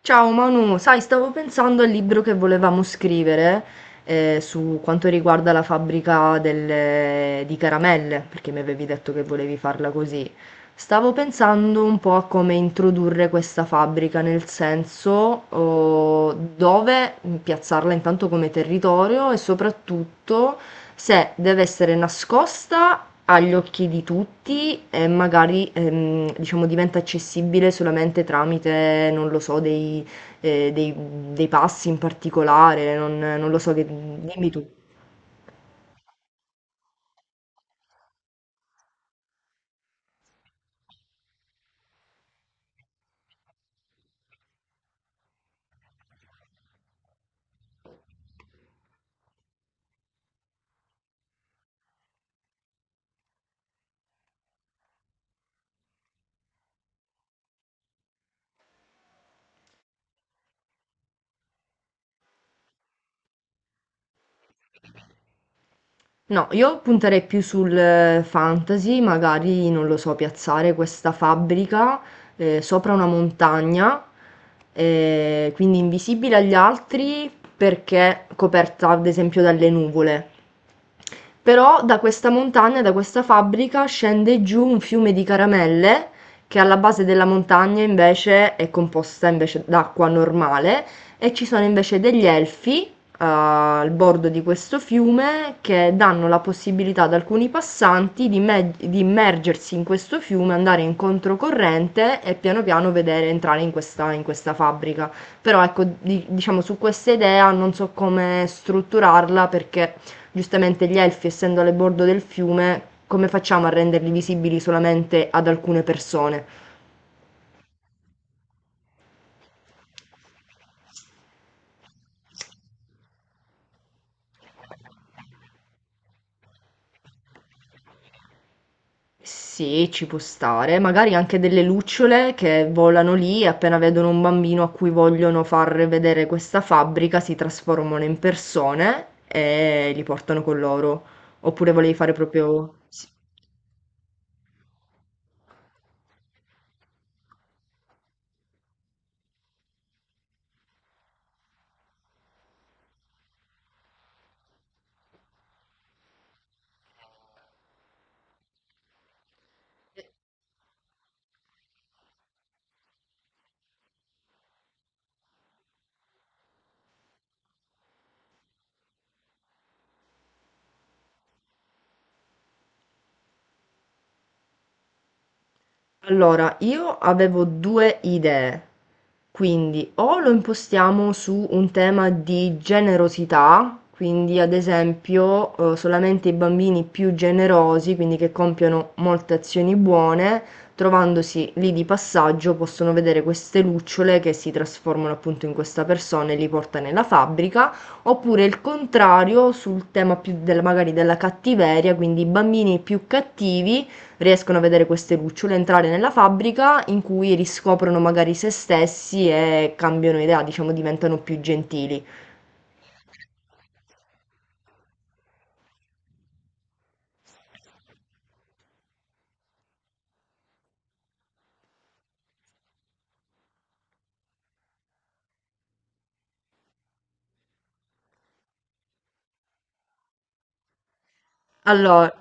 Ciao Manu, sai, stavo pensando al libro che volevamo scrivere su quanto riguarda la fabbrica di caramelle, perché mi avevi detto che volevi farla così. Stavo pensando un po' a come introdurre questa fabbrica, nel senso oh, dove piazzarla intanto come territorio e soprattutto se deve essere nascosta agli occhi di tutti e magari, diciamo, diventa accessibile solamente tramite, non lo so, ehm, dei dei passi in particolare, non lo so, che dimmi tu. No, io punterei più sul fantasy, magari, non lo so, piazzare questa fabbrica, sopra una montagna, quindi invisibile agli altri perché coperta ad esempio dalle nuvole. Però da questa montagna, da questa fabbrica, scende giù un fiume di caramelle che alla base della montagna invece è composta invece d'acqua normale, e ci sono invece degli elfi al bordo di questo fiume, che danno la possibilità ad alcuni passanti di immergersi in questo fiume, andare in controcorrente e piano piano vedere entrare in questa fabbrica. Però ecco, diciamo, su questa idea non so come strutturarla, perché giustamente gli elfi, essendo alle bordo del fiume, come facciamo a renderli visibili solamente ad alcune persone? Sì, ci può stare, magari anche delle lucciole che volano lì e appena vedono un bambino a cui vogliono far vedere questa fabbrica si trasformano in persone e li portano con loro. Oppure volevi fare proprio... Sì. Allora, io avevo due idee, quindi o lo impostiamo su un tema di generosità, quindi ad esempio solamente i bambini più generosi, quindi che compiono molte azioni buone, trovandosi lì di passaggio, possono vedere queste lucciole che si trasformano appunto in questa persona e li porta nella fabbrica, oppure il contrario sul tema più magari della cattiveria, quindi i bambini più cattivi riescono a vedere queste lucciole, entrare nella fabbrica in cui riscoprono magari se stessi e cambiano idea, diciamo diventano più gentili. Allora,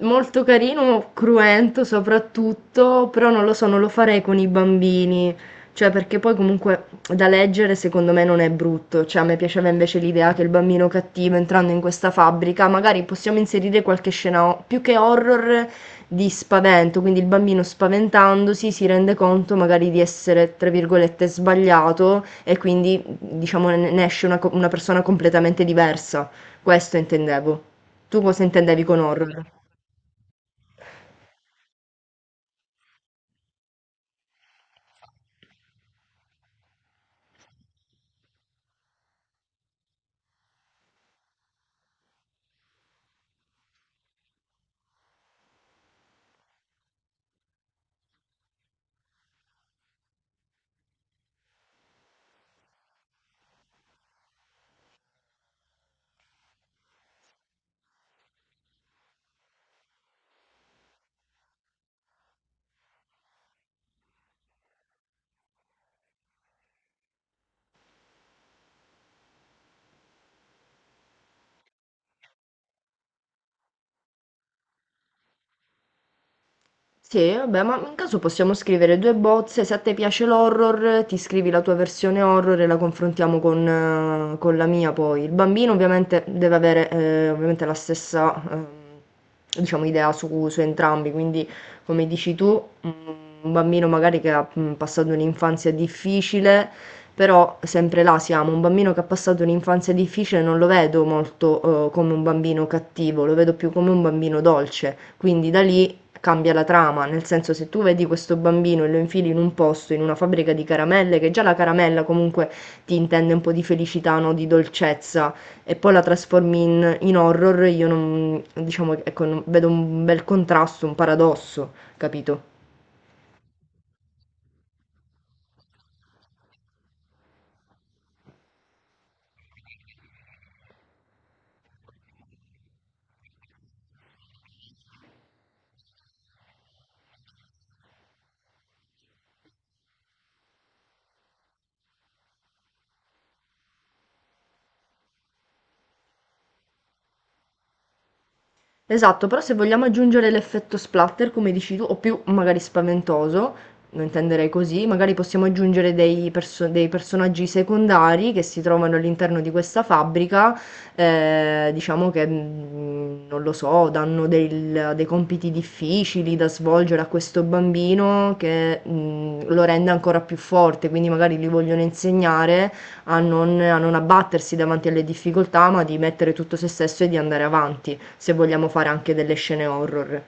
molto carino, cruento soprattutto, però non lo so, non lo farei con i bambini, cioè perché poi comunque da leggere secondo me non è brutto, cioè a me piaceva invece l'idea che il bambino cattivo, entrando in questa fabbrica, magari possiamo inserire qualche scena più che horror di spavento, quindi il bambino, spaventandosi, si rende conto magari di essere, tra virgolette, sbagliato, e quindi diciamo ne esce una una persona completamente diversa. Questo intendevo. Tu cosa intendevi con horror? Sì, vabbè, ma in caso possiamo scrivere due bozze: se a te piace l'horror, ti scrivi la tua versione horror e la confrontiamo con la mia poi. Il bambino ovviamente deve avere ovviamente la stessa diciamo, idea su entrambi, quindi come dici tu, un bambino magari che ha passato un'infanzia difficile, però sempre là siamo, un bambino che ha passato un'infanzia difficile non lo vedo molto come un bambino cattivo, lo vedo più come un bambino dolce, quindi da lì cambia la trama, nel senso, se tu vedi questo bambino e lo infili in un posto, in una fabbrica di caramelle, che già la caramella comunque ti intende un po' di felicità, no? Di dolcezza, e poi la trasformi in horror, io non, diciamo, ecco, vedo un bel contrasto, un paradosso, capito? Esatto, però se vogliamo aggiungere l'effetto splatter, come dici tu, o più magari spaventoso, lo intenderei così: magari possiamo aggiungere dei personaggi secondari che si trovano all'interno di questa fabbrica, diciamo che, non lo so, danno dei compiti difficili da svolgere a questo bambino, che, lo rende ancora più forte, quindi magari gli vogliono insegnare a non abbattersi davanti alle difficoltà, ma di mettere tutto se stesso e di andare avanti, se vogliamo fare anche delle scene horror.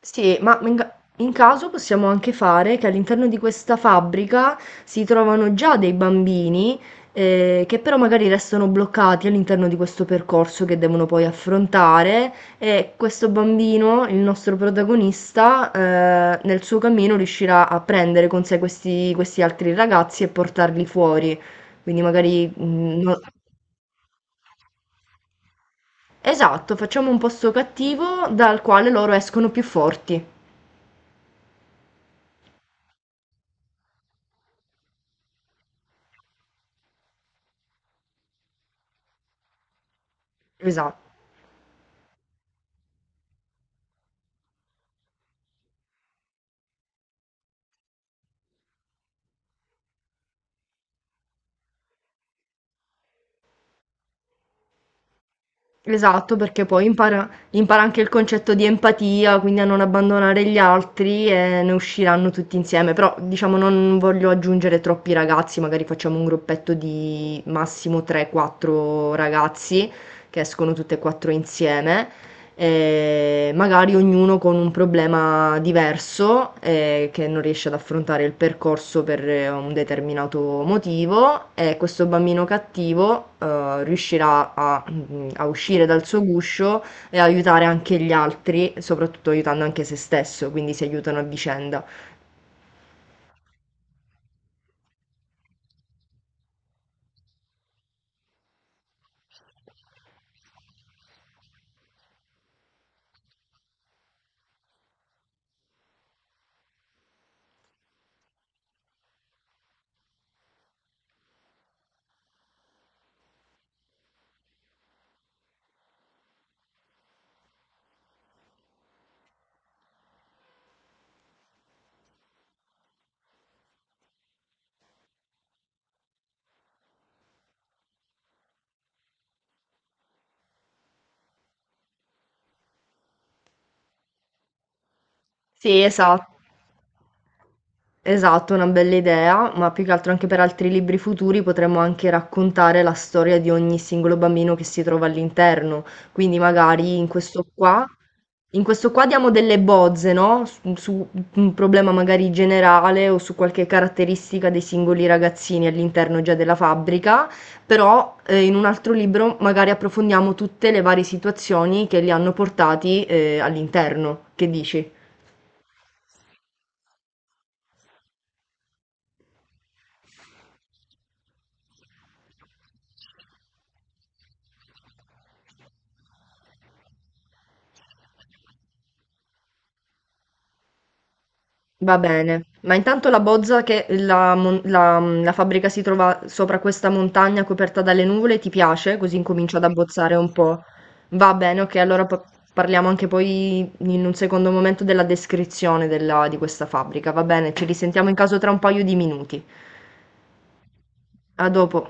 Sì, ma in caso possiamo anche fare che all'interno di questa fabbrica si trovano già dei bambini che però magari restano bloccati all'interno di questo percorso che devono poi affrontare, e questo bambino, il nostro protagonista, nel suo cammino riuscirà a prendere con sé questi altri ragazzi e portarli fuori. Quindi magari... mm, no- Esatto, facciamo un posto cattivo dal quale loro escono più forti. Esatto. Esatto, perché poi impara, impara anche il concetto di empatia, quindi a non abbandonare gli altri, e ne usciranno tutti insieme. Però diciamo non voglio aggiungere troppi ragazzi, magari facciamo un gruppetto di massimo 3-4 ragazzi che escono tutte e quattro insieme, magari ognuno con un problema diverso, che non riesce ad affrontare il percorso per un determinato motivo, e questo bambino cattivo riuscirà a uscire dal suo guscio e aiutare anche gli altri, soprattutto aiutando anche se stesso, quindi si aiutano a vicenda. Sì, esatto. Esatto, una bella idea, ma più che altro anche per altri libri futuri potremmo anche raccontare la storia di ogni singolo bambino che si trova all'interno. Quindi magari in questo qua diamo delle bozze, no? Su un problema magari generale o su qualche caratteristica dei singoli ragazzini all'interno già della fabbrica, però in un altro libro magari approfondiamo tutte le varie situazioni che li hanno portati all'interno. Che dici? Va bene, ma intanto la bozza, che la fabbrica si trova sopra questa montagna coperta dalle nuvole, ti piace? Così incomincio ad abbozzare un po'. Va bene, ok, allora parliamo anche poi in un secondo momento della descrizione di questa fabbrica, va bene? Ci risentiamo in caso tra un paio di minuti. A dopo.